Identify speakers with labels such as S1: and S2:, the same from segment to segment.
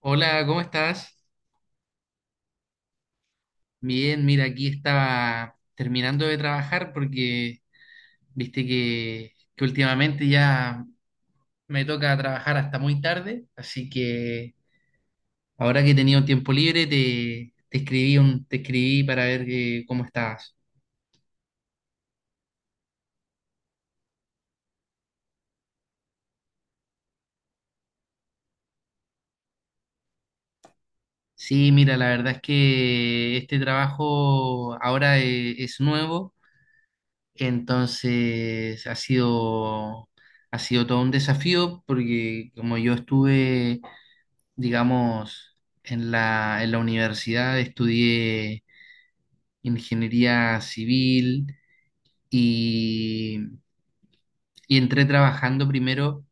S1: Hola, ¿cómo estás? Bien, mira, aquí estaba terminando de trabajar porque viste que últimamente ya me toca trabajar hasta muy tarde, así que ahora que he tenido tiempo libre te escribí te escribí para ver cómo estabas. Sí, mira, la verdad es que este trabajo ahora es nuevo, entonces ha sido todo un desafío porque como yo estuve digamos, en la universidad estudié ingeniería civil y, y entré trabajando primero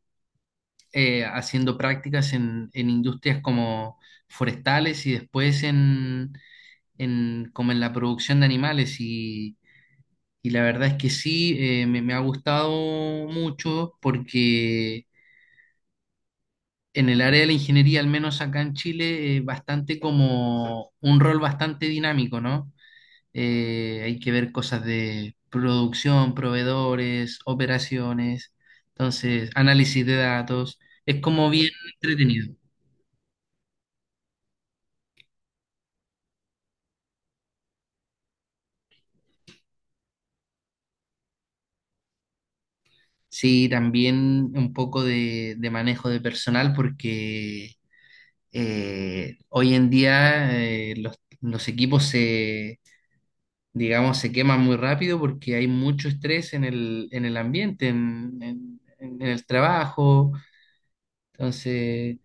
S1: haciendo prácticas en industrias como forestales y después como en la producción de animales y la verdad es que sí, me ha gustado mucho porque... En el área de la ingeniería, al menos acá en Chile, bastante como un rol bastante dinámico, ¿no? Hay que ver cosas de producción, proveedores, operaciones, entonces análisis de datos, es como bien entretenido. Sí, también un poco de manejo de personal porque hoy en día los equipos se, digamos, se queman muy rápido porque hay mucho estrés en el ambiente, en, en el trabajo, entonces...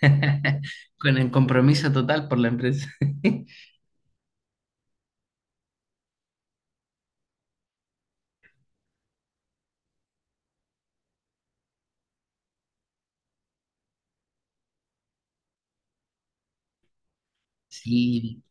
S1: Con el compromiso total por la empresa. Sí,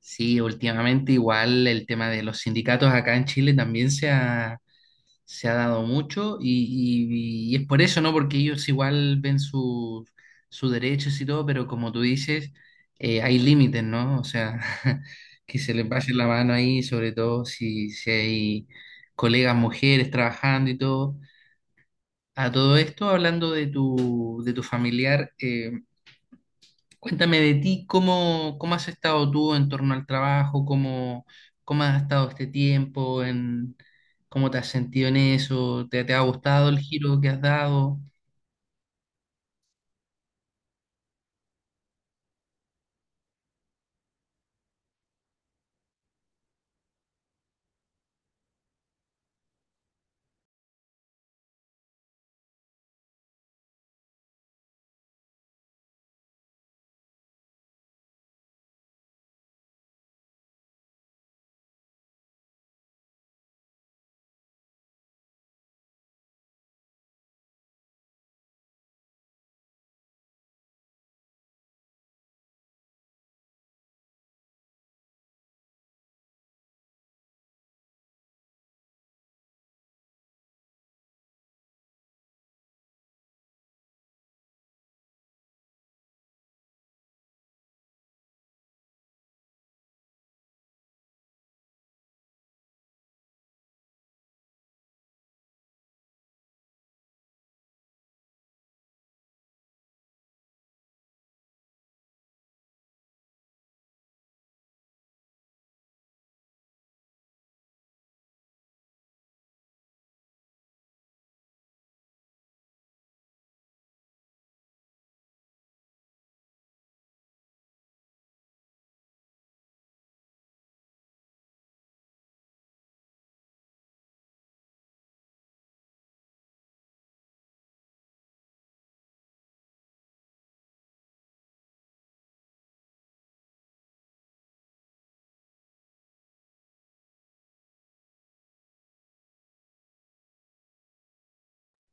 S1: sí, últimamente igual el tema de los sindicatos acá en Chile también se ha dado mucho y, y es por eso, ¿no? Porque ellos igual ven sus sus derechos y todo, pero como tú dices, hay límites, ¿no? O sea, que se les pase la mano ahí, sobre todo si, si hay colegas mujeres trabajando y todo. A todo esto, hablando de tu familiar, cuéntame de ti, ¿cómo, cómo has estado tú en torno al trabajo? ¿Cómo, cómo has estado este tiempo? ¿Cómo te has sentido en eso? ¿Te, te ha gustado el giro que has dado?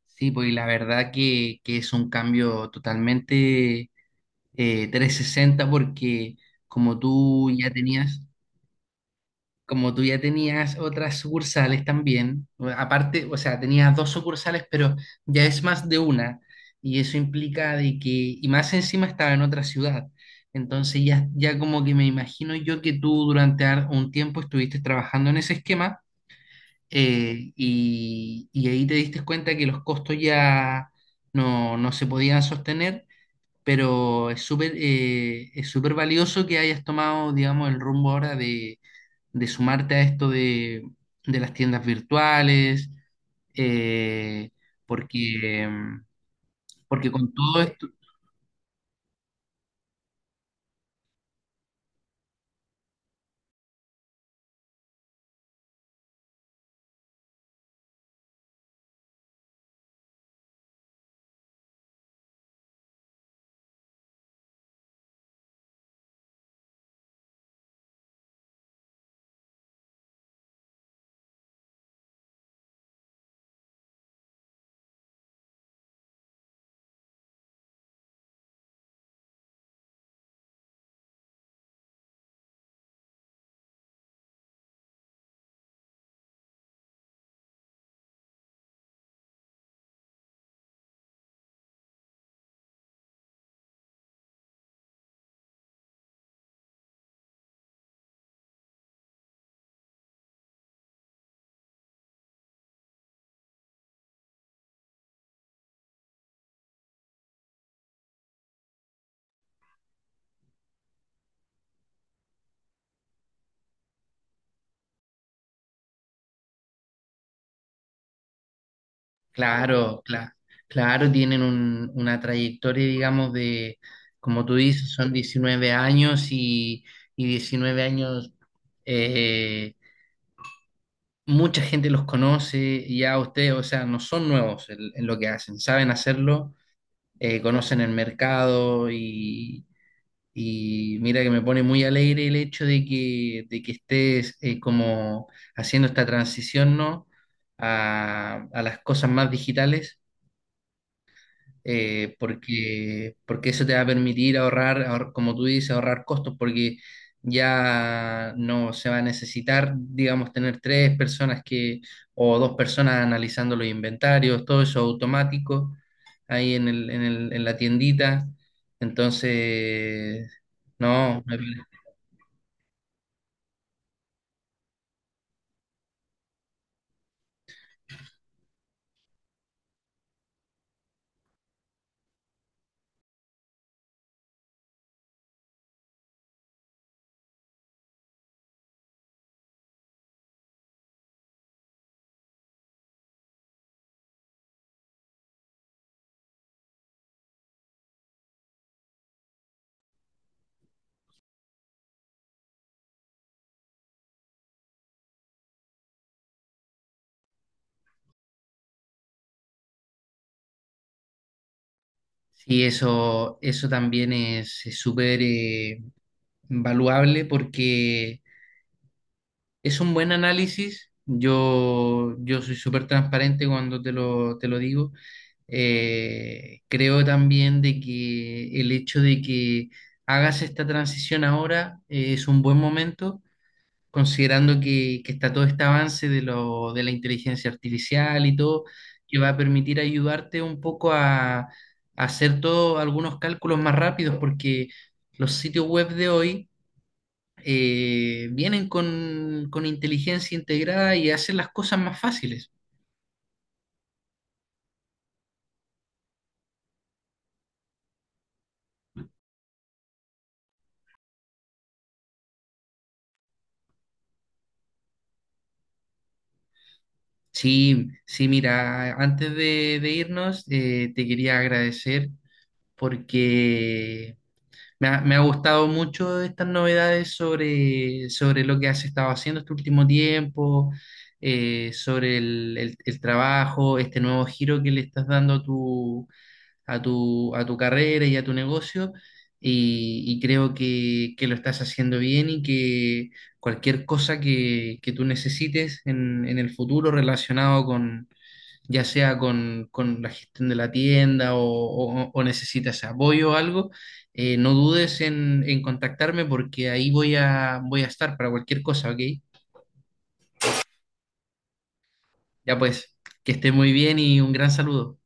S1: Sí, pues y la verdad que es un cambio totalmente 360 porque como tú ya tenías, como tú ya tenías otras sucursales también, aparte, o sea, tenías dos sucursales, pero ya es más de una, y eso implica de que, y más encima estaba en otra ciudad. Entonces ya como que me imagino yo que tú durante un tiempo estuviste trabajando en ese esquema y ahí te diste cuenta que los costos ya no se podían sostener, pero es súper valioso que hayas tomado, digamos, el rumbo ahora de sumarte a esto de las tiendas virtuales, eh, porque, mm, porque con todo esto, claro, claro, tienen una trayectoria, digamos, de, como tú dices, son 19 años y 19 años, eh, mucha gente los conoce, ya ustedes, o sea, no son nuevos en lo que hacen, saben hacerlo, conocen el mercado. Y mira que me pone muy alegre el hecho de que estés como haciendo esta transición, ¿no? A las cosas más digitales, porque, porque eso te va a permitir ahorrar, como tú dices, ahorrar costos, porque ya no se va a necesitar, digamos, tener tres personas que, o dos personas analizando los inventarios, todo eso automático ahí en la tiendita. Entonces, no, me parece. Sí, eso también es súper valuable porque es un buen análisis. Yo soy súper transparente cuando te te lo digo. Creo también de que el hecho de que hagas esta transición ahora es un buen momento considerando que está todo este avance de la inteligencia artificial y todo, que va a permitir ayudarte un poco a hacer todos algunos cálculos más rápidos, porque los sitios web de hoy vienen con inteligencia integrada y hacen las cosas más fáciles. Sí, sí, mira, antes de irnos, te quería agradecer porque me ha gustado mucho estas novedades sobre, sobre lo que has estado haciendo este último tiempo, sobre el trabajo, este nuevo giro que le estás dando a tu, a tu carrera y a tu negocio. Y creo que lo estás haciendo bien y que cualquier cosa que tú necesites en el futuro relacionado ya sea con la gestión de la tienda o, o necesitas apoyo o algo, no dudes en contactarme porque ahí voy a, voy a estar para cualquier cosa, ¿ok? Ya pues, que esté muy bien y un gran saludo.